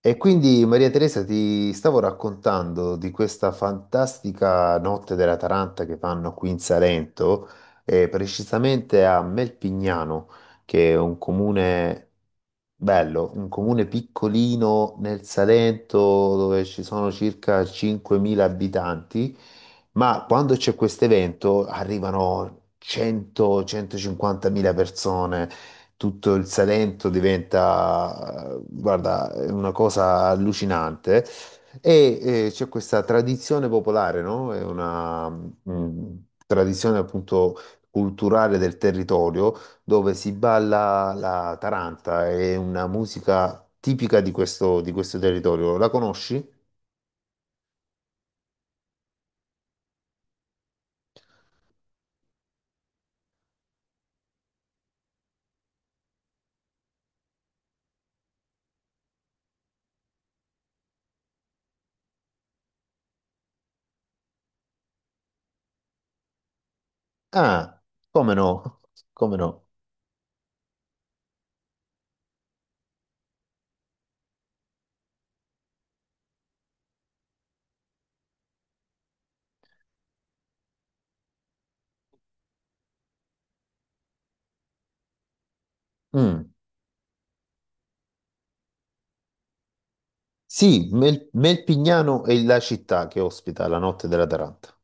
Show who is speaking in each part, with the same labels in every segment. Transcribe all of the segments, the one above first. Speaker 1: E quindi Maria Teresa ti stavo raccontando di questa fantastica notte della Taranta che fanno qui in Salento, precisamente a Melpignano, che è un comune bello, un comune piccolino nel Salento dove ci sono circa 5.000 abitanti, ma quando c'è questo evento arrivano 100-150.000 persone. Tutto il Salento diventa, guarda, è una cosa allucinante. E c'è questa tradizione popolare, no? È una tradizione appunto culturale del territorio dove si balla la taranta, è una musica tipica di questo territorio. La conosci? Ah, come no? Come no? Mm. Sì, Melpignano è la città che ospita la notte della Taranta.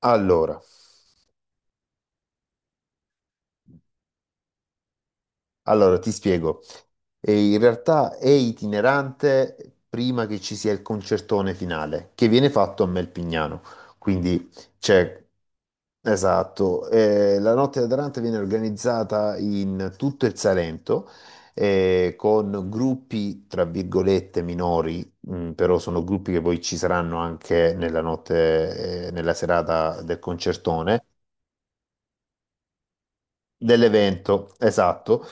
Speaker 1: Allora, Allora, ti spiego. E in realtà è itinerante prima che ci sia il concertone finale, che viene fatto a Melpignano. Quindi c'è, esatto, la notte da Taranta viene organizzata in tutto il Salento, con gruppi, tra virgolette, minori, però sono gruppi che poi ci saranno anche nella notte, nella serata del concertone. Dell'evento, esatto.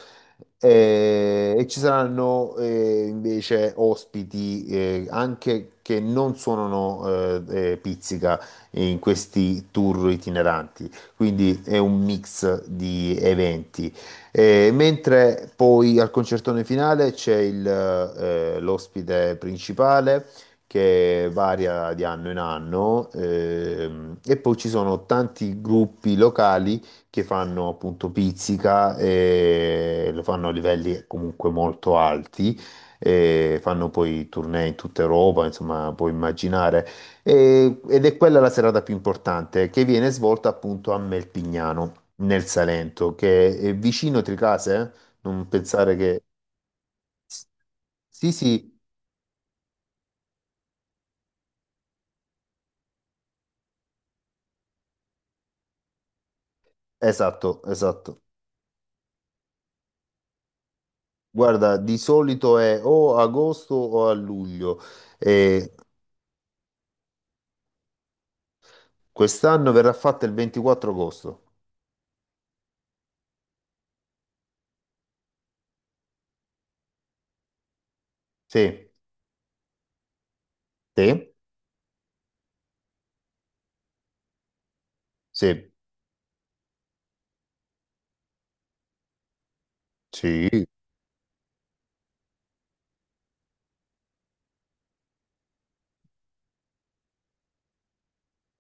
Speaker 1: E, ci saranno invece ospiti anche che non suonano pizzica in questi tour itineranti, quindi è un mix di eventi. Mentre poi al concertone finale c'è l'ospite principale che varia di anno in anno, e poi ci sono tanti gruppi locali che fanno appunto pizzica e lo fanno a livelli comunque molto alti e fanno poi tournée in tutta Europa, insomma, puoi immaginare. Ed è quella la serata più importante che viene svolta appunto a Melpignano, nel Salento, che è vicino Tricase, eh? Non pensare che. Sì, sì, esatto, esatto. Guarda, di solito è o a agosto o a luglio e quest'anno verrà fatta il 24 agosto. Sì, sì, sì, sì,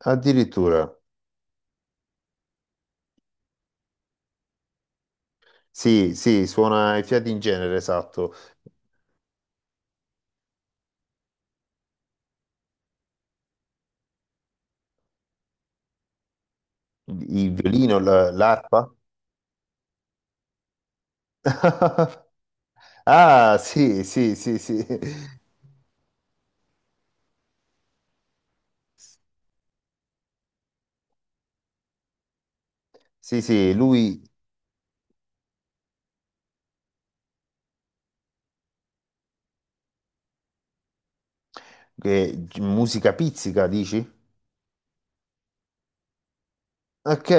Speaker 1: addirittura. Sì, sì, suona i fiati in genere, esatto. Il violino, l'arpa. Ah, sì, sì, sì, sì. Sì, sì, lui che musica pizzica, dici? Ok.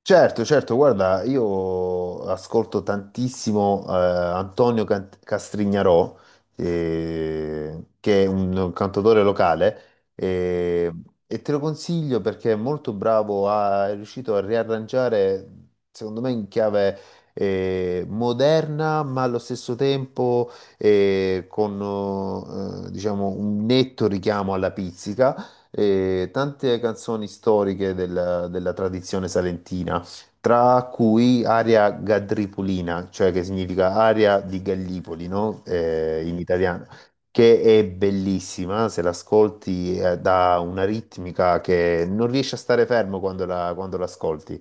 Speaker 1: Certo, certo, guarda, io ascolto tantissimo Antonio Castrignarò, che è un cantautore locale, e te lo consiglio perché è molto bravo, è riuscito a riarrangiare, secondo me, in chiave moderna, ma allo stesso tempo con diciamo, un netto richiamo alla pizzica tante canzoni storiche della tradizione salentina, tra cui Aria Gadripulina, cioè che significa aria di Gallipoli, no? In italiano, che è bellissima, se l'ascolti, dà una ritmica che non riesci a stare fermo quando l'ascolti.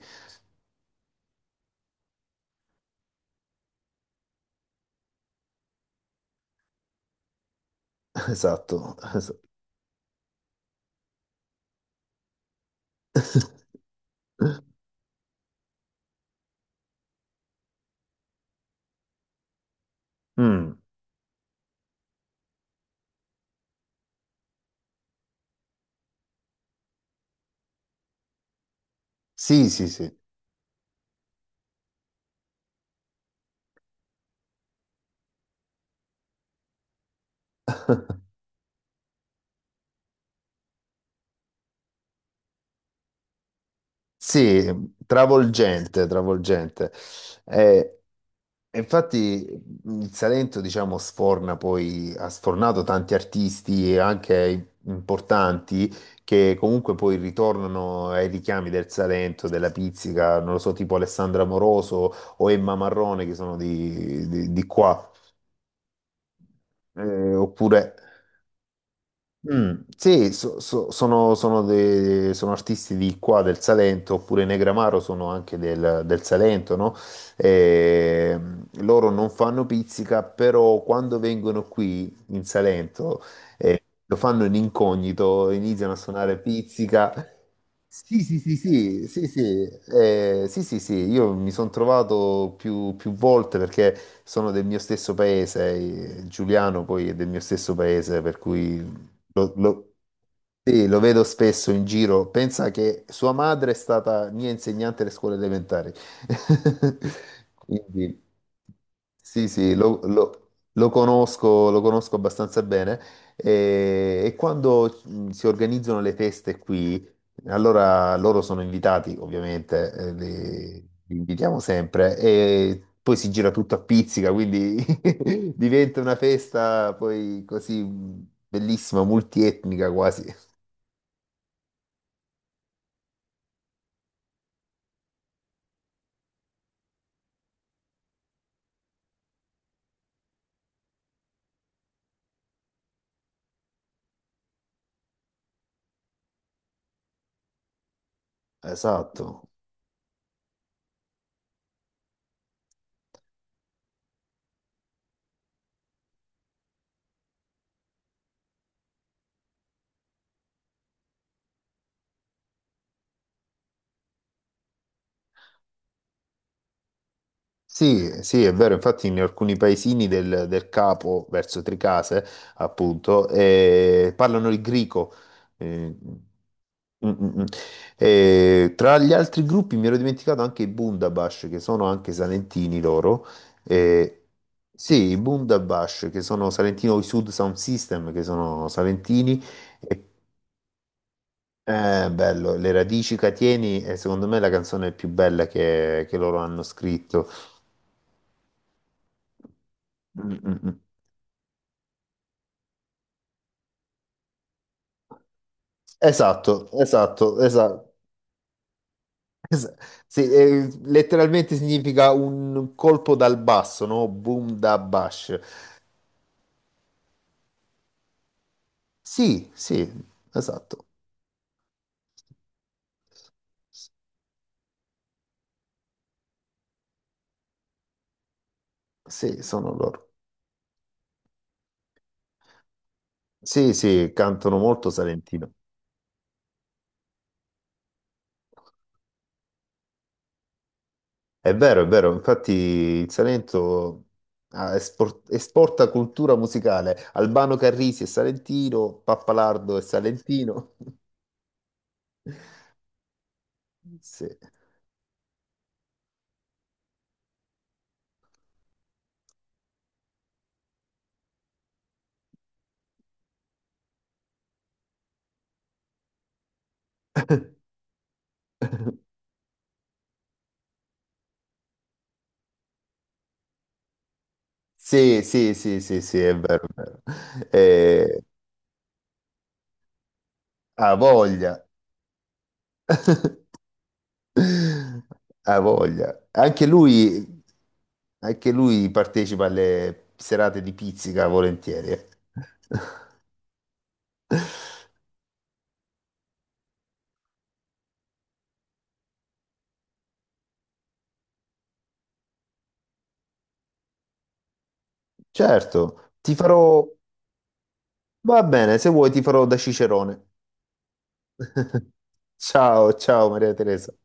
Speaker 1: Esatto. Mm, sì, sì, sì. Sì, travolgente, travolgente. Eh, E infatti il Salento, diciamo, sforna poi, ha sfornato tanti artisti anche importanti che comunque poi ritornano ai richiami del Salento, della pizzica, non lo so, tipo Alessandra Moroso o Emma Marrone che sono di, di qua. Oppure mm, sì, sono artisti di qua del Salento, oppure Negramaro sono anche del Salento, no? E, loro non fanno pizzica, però quando vengono qui in Salento lo fanno in incognito, iniziano a suonare pizzica. Sì, sì, sì, sì, sì, sì, sì, sì, sì, io mi sono trovato più volte perché sono del mio stesso paese, Giuliano poi è del mio stesso paese, per cui lo, lo, sì, lo vedo spesso in giro. Pensa che sua madre è stata mia insegnante alle scuole elementari. Quindi, sì, sì, lo conosco abbastanza bene. E quando si organizzano le feste qui, allora loro sono invitati, ovviamente, li invitiamo sempre. E poi si gira tutto a pizzica, quindi diventa una festa poi così bellissima, multietnica quasi. Esatto. Sì, sì, è vero, infatti in alcuni paesini del capo, verso Tricase, appunto, parlano il greco. Eh, mm, mm, mm. Tra gli altri gruppi mi ero dimenticato anche i Bundabash, che sono anche salentini loro. Eh, sì, i Bundabash, che sono salentino, i Sud Sound System, che sono salentini. E, bello, Le radici Catieni è secondo me la canzone più bella che loro hanno scritto. Mm, mm, mm. Esatto, esatto, esatto. Es- sì, letteralmente significa un colpo dal basso, no? Boom da bash. Sì, sì, esatto. Sì, sono loro. Sì, sì, cantano molto salentino. È vero, è vero. Infatti il Salento esporta cultura musicale. Albano Carrisi è salentino, Pappalardo è salentino. Sì. Sì, sì, sì, sì, sì, è vero, è vero. Eh, Ha voglia, ha voglia. Anche lui partecipa alle serate di pizzica volentieri. Certo, va bene, se vuoi ti farò da cicerone. Ciao, ciao Maria Teresa.